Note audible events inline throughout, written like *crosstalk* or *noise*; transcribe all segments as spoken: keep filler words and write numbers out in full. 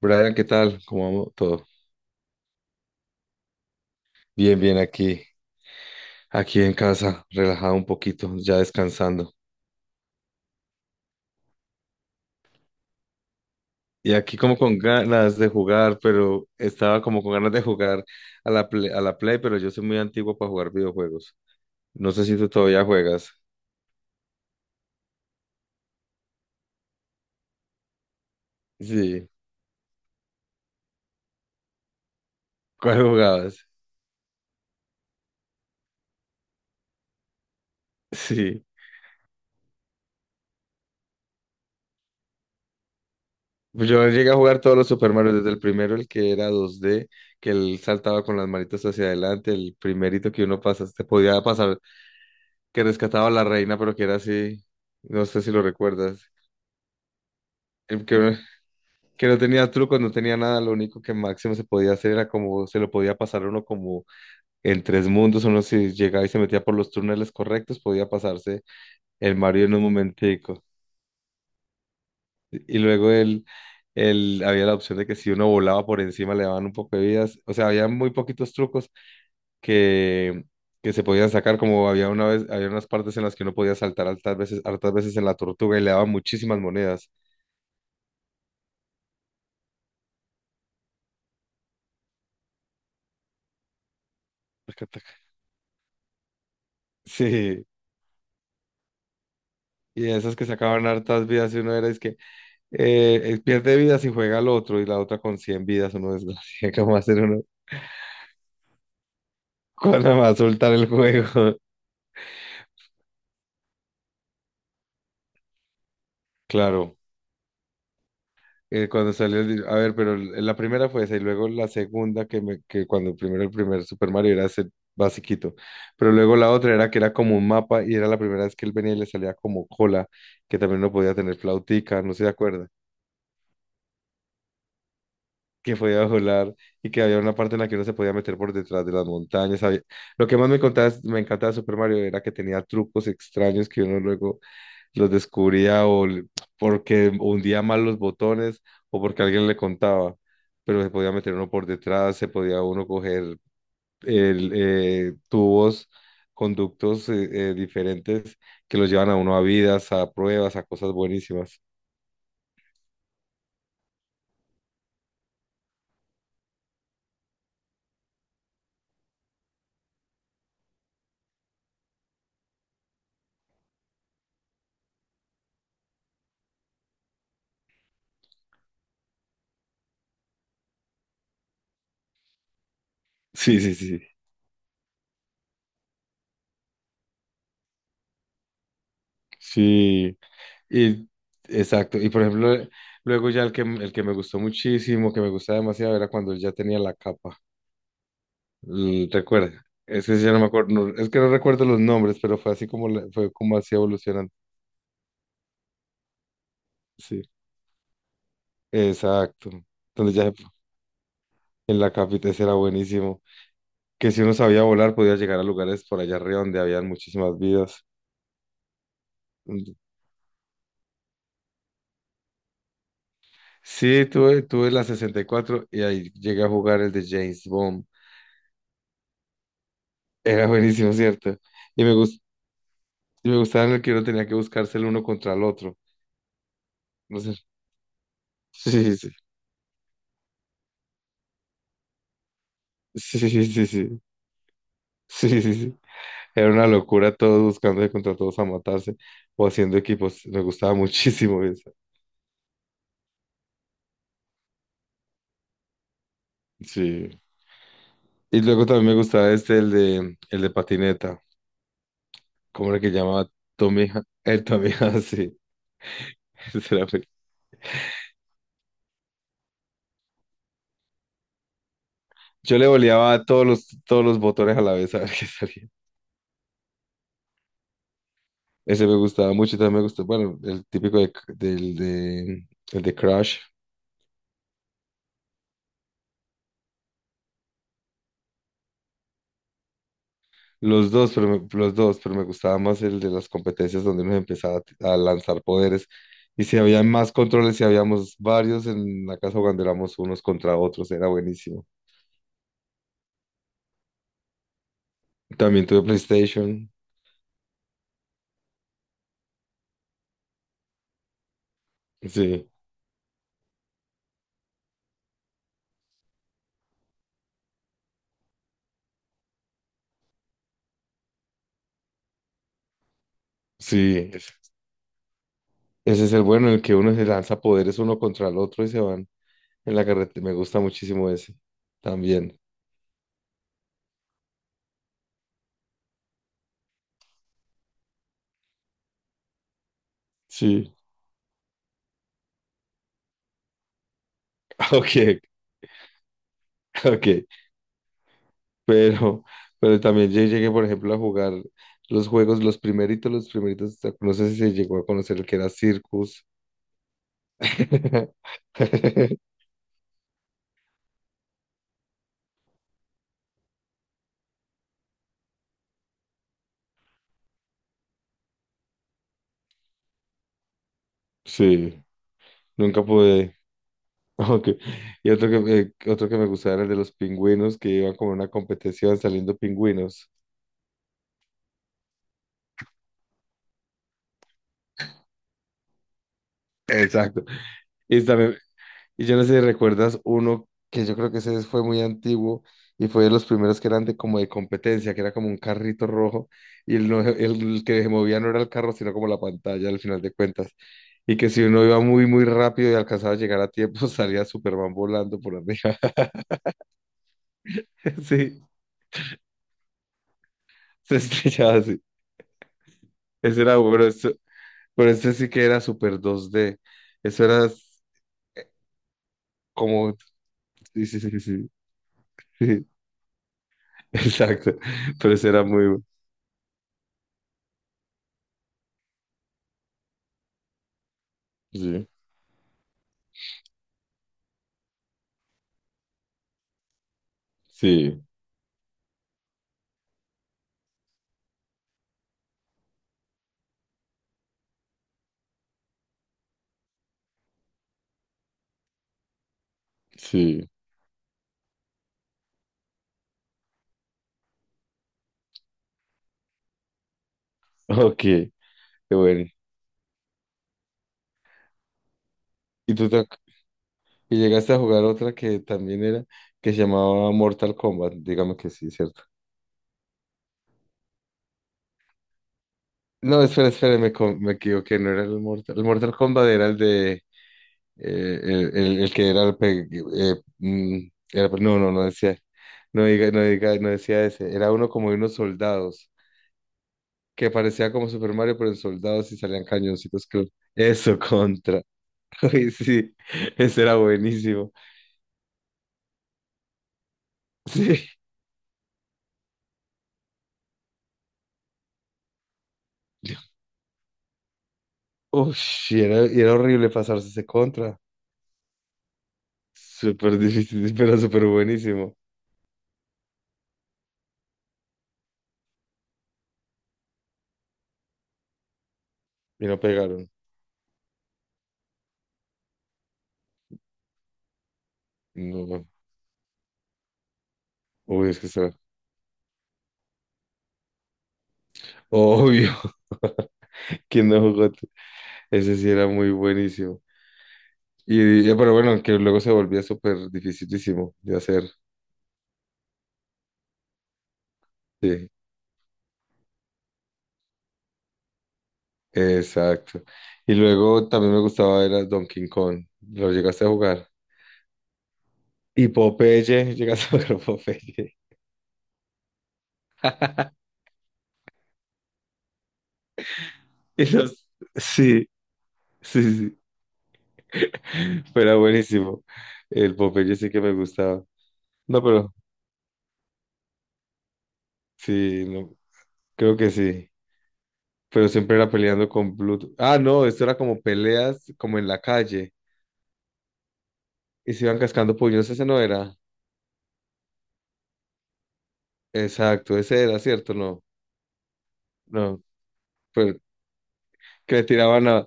Brian, ¿qué tal? ¿Cómo vamos todo? Bien, bien aquí, aquí en casa, relajado un poquito, ya descansando. Y aquí como con ganas de jugar, pero estaba como con ganas de jugar a la Play, a la Play, pero yo soy muy antiguo para jugar videojuegos. No sé si tú todavía juegas. Sí, ¿cuál jugabas? *laughs* Sí. Pues yo llegué a jugar todos los Super Mario, desde el primero, el que era dos D, que él saltaba con las manitas hacia adelante. El primerito que uno pasa, te podía pasar que rescataba a la reina, pero que era así, no sé si lo recuerdas. El que, que no tenía trucos, no tenía nada. Lo único que máximo se podía hacer era como, se lo podía pasar uno como en tres mundos. Uno si llegaba y se metía por los túneles correctos, podía pasarse el Mario en un momentico. Y luego él, él, había la opción de que si uno volaba por encima le daban un poco de vidas. O sea, había muy poquitos trucos que... que se podían sacar, como había una vez. Había unas partes en las que uno podía saltar hartas veces, hartas veces en la tortuga y le daban muchísimas monedas. Taca, taca. Sí, y esas que sacaban hartas vidas, y uno era es que eh, eh, pierde vidas y juega al otro y la otra con cien vidas. Uno es, *laughs* ¿cómo hacer uno? ¿Cuándo va a soltar el juego? *laughs* Claro, eh, cuando salió, el di- a ver, pero l- la primera fue esa. Y luego la segunda, que, me, que cuando primero el primer Super Mario era ese basiquito, pero luego la otra era que era como un mapa y era la primera vez que él venía y le salía como cola, que también no podía tener flautica, no se acuerda, que podía volar y que había una parte en la que uno se podía meter por detrás de las montañas. había- Lo que más me contaba, me encantaba de Super Mario era que tenía trucos extraños que uno luego los descubría o le- porque hundía mal los botones o porque alguien le contaba, pero se podía meter uno por detrás, se podía uno coger el, eh, tubos, conductos eh, eh, diferentes, que los llevan a uno a vidas, a pruebas, a cosas buenísimas. Sí, sí, sí. Sí. Y, exacto, y por ejemplo, luego ya el que, el que me gustó muchísimo, que me gustaba demasiado, era cuando él ya tenía la capa. L- ¿Recuerda? Es que ya no me acuerdo, no- es que no recuerdo los nombres, pero fue así como, la- fue como así evolucionando. Sí, exacto. Entonces ya en la capital ese era buenísimo. Que si uno sabía volar, podía llegar a lugares por allá arriba donde habían muchísimas vidas. mm, Sí, tuve, tuve la sesenta y cuatro y cuatro y ahí llegué a jugar el de James Bond. Era *laughs* buenísimo, ¿cierto? Y me gustó. Me gustaba en el que uno tenía que buscarse el uno contra el otro. No sé. *laughs* Sí, sí, sí. Sí, sí, sí. Sí, sí, sí. Sí. Era una locura, todos buscándose contra todos a matarse o haciendo equipos. Me gustaba *laughs* muchísimo eso. Sí. Y luego también me gustaba este, el de, el de patineta. ¿Cómo era que llamaba? Tommy. Ha- El Tommy, *laughs* sí. Ese era muy... Yo le voleaba a todos los, todos los botones a la vez a ver qué salía. Ese me gustaba mucho y también me gustó. Bueno, el típico de, del de, el de Crash. Los dos, pero me, los dos, pero me gustaba más el de las competencias donde nos empezaba a a lanzar poderes. Y si había más controles, si habíamos varios en la casa cuando éramos unos contra otros, era buenísimo. También tuve PlayStation. Sí, sí. Ese ese es el bueno, en el que uno se lanza poderes uno contra el otro y se van en la carretera. Me gusta muchísimo ese. También. Sí. *laughs* Ok, ok. *laughs* Pero, pero también yo llegué, por ejemplo, a jugar los juegos, los primeritos, los primeritos, no sé si se llegó a conocer el que era Circus. *laughs* Sí, nunca pude. *laughs* Ok. Y otro que, me- otro que me gustaba era el de los pingüinos, que iban como en una competición saliendo pingüinos. *laughs* Exacto. Y Y yo no sé si recuerdas uno que yo creo que ese fue muy antiguo y fue de los primeros que eran de, como de competencia, que era como un carrito rojo y el, no- el que se movía no era el carro, sino como la pantalla al final de cuentas. Y que si uno iba muy, muy rápido y alcanzaba a llegar a tiempo, *laughs* salía Superman volando por arriba. *laughs* Sí, se estrellaba así. Ese era bueno. Eso, pero este sí que era super dos d. Eso era como... Sí, sí, sí, sí, sí. *laughs* Exacto. Pero ese era muy... bu- Sí, sí, sí. Ok, qué bueno. Y tú te ac- y llegaste a jugar otra que también era, que se llamaba Mortal Kombat. Dígame que sí, ¿cierto? No, espera, espera, me, co- me equivoqué. No era el Mortal. El Mortal Kombat era el de, eh, el, el- el que era el, pe- eh, mm, era- no, no, no decía, no diga, no diga, no decía ese. Era uno como de unos soldados que parecía como Super Mario, pero en soldados, y salían cañoncitos, creo. Eso, contra. *laughs* Ay, sí, ese era buenísimo. *laughs* Sí. Ush, y era, y era horrible pasarse ese contra. Súper difícil, *laughs* pero súper buenísimo. Y no pegaron. No, obvio, es que será. Obvio, *laughs* ¿quién no jugó? Ese sí era muy buenísimo. Y, y- pero bueno, que luego se volvía súper dificilísimo de hacer. Sí, exacto. Y luego también me gustaba era Donkey Kong. ¿Lo llegaste a jugar? Y Popeye, *laughs* llegaste a jugar Popeye. *laughs* Y los- sí, sí, sí. *laughs* Pero era buenísimo. El Popeye sí que me gustaba. No, pero sí, no, creo que sí. Pero siempre era peleando con Pluto. Ah, no, esto era como peleas, como en la calle. Y se iban cascando puños, ese no era. Exacto, ese era, ¿cierto? No, no. Pero que le tiraban a,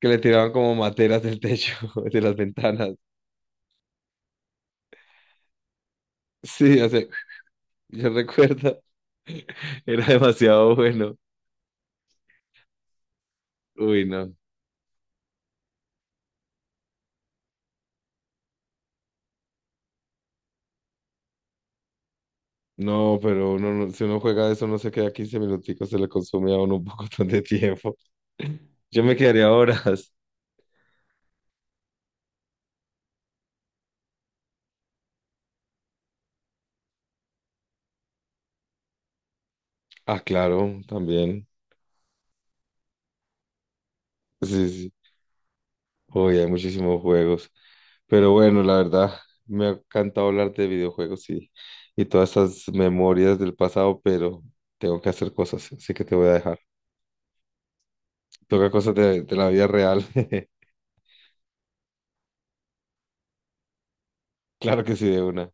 que le tiraban como materas del techo, *laughs* de las ventanas. Sí, o sea, yo recuerdo. *laughs* Era demasiado bueno. Uy, no. No, pero uno, no- si uno juega eso, no se queda quince minuticos, se le consume a uno un *laughs* poco de tiempo. *laughs* Yo me quedaría horas. Ah, claro, también. Sí, sí. Hoy hay muchísimos juegos. Pero bueno, la verdad, me ha encantado hablar de videojuegos y, y todas esas memorias del pasado, pero tengo que hacer cosas, así que te voy a dejar. Toca cosas de, de la vida real. *laughs* Claro que sí, de una.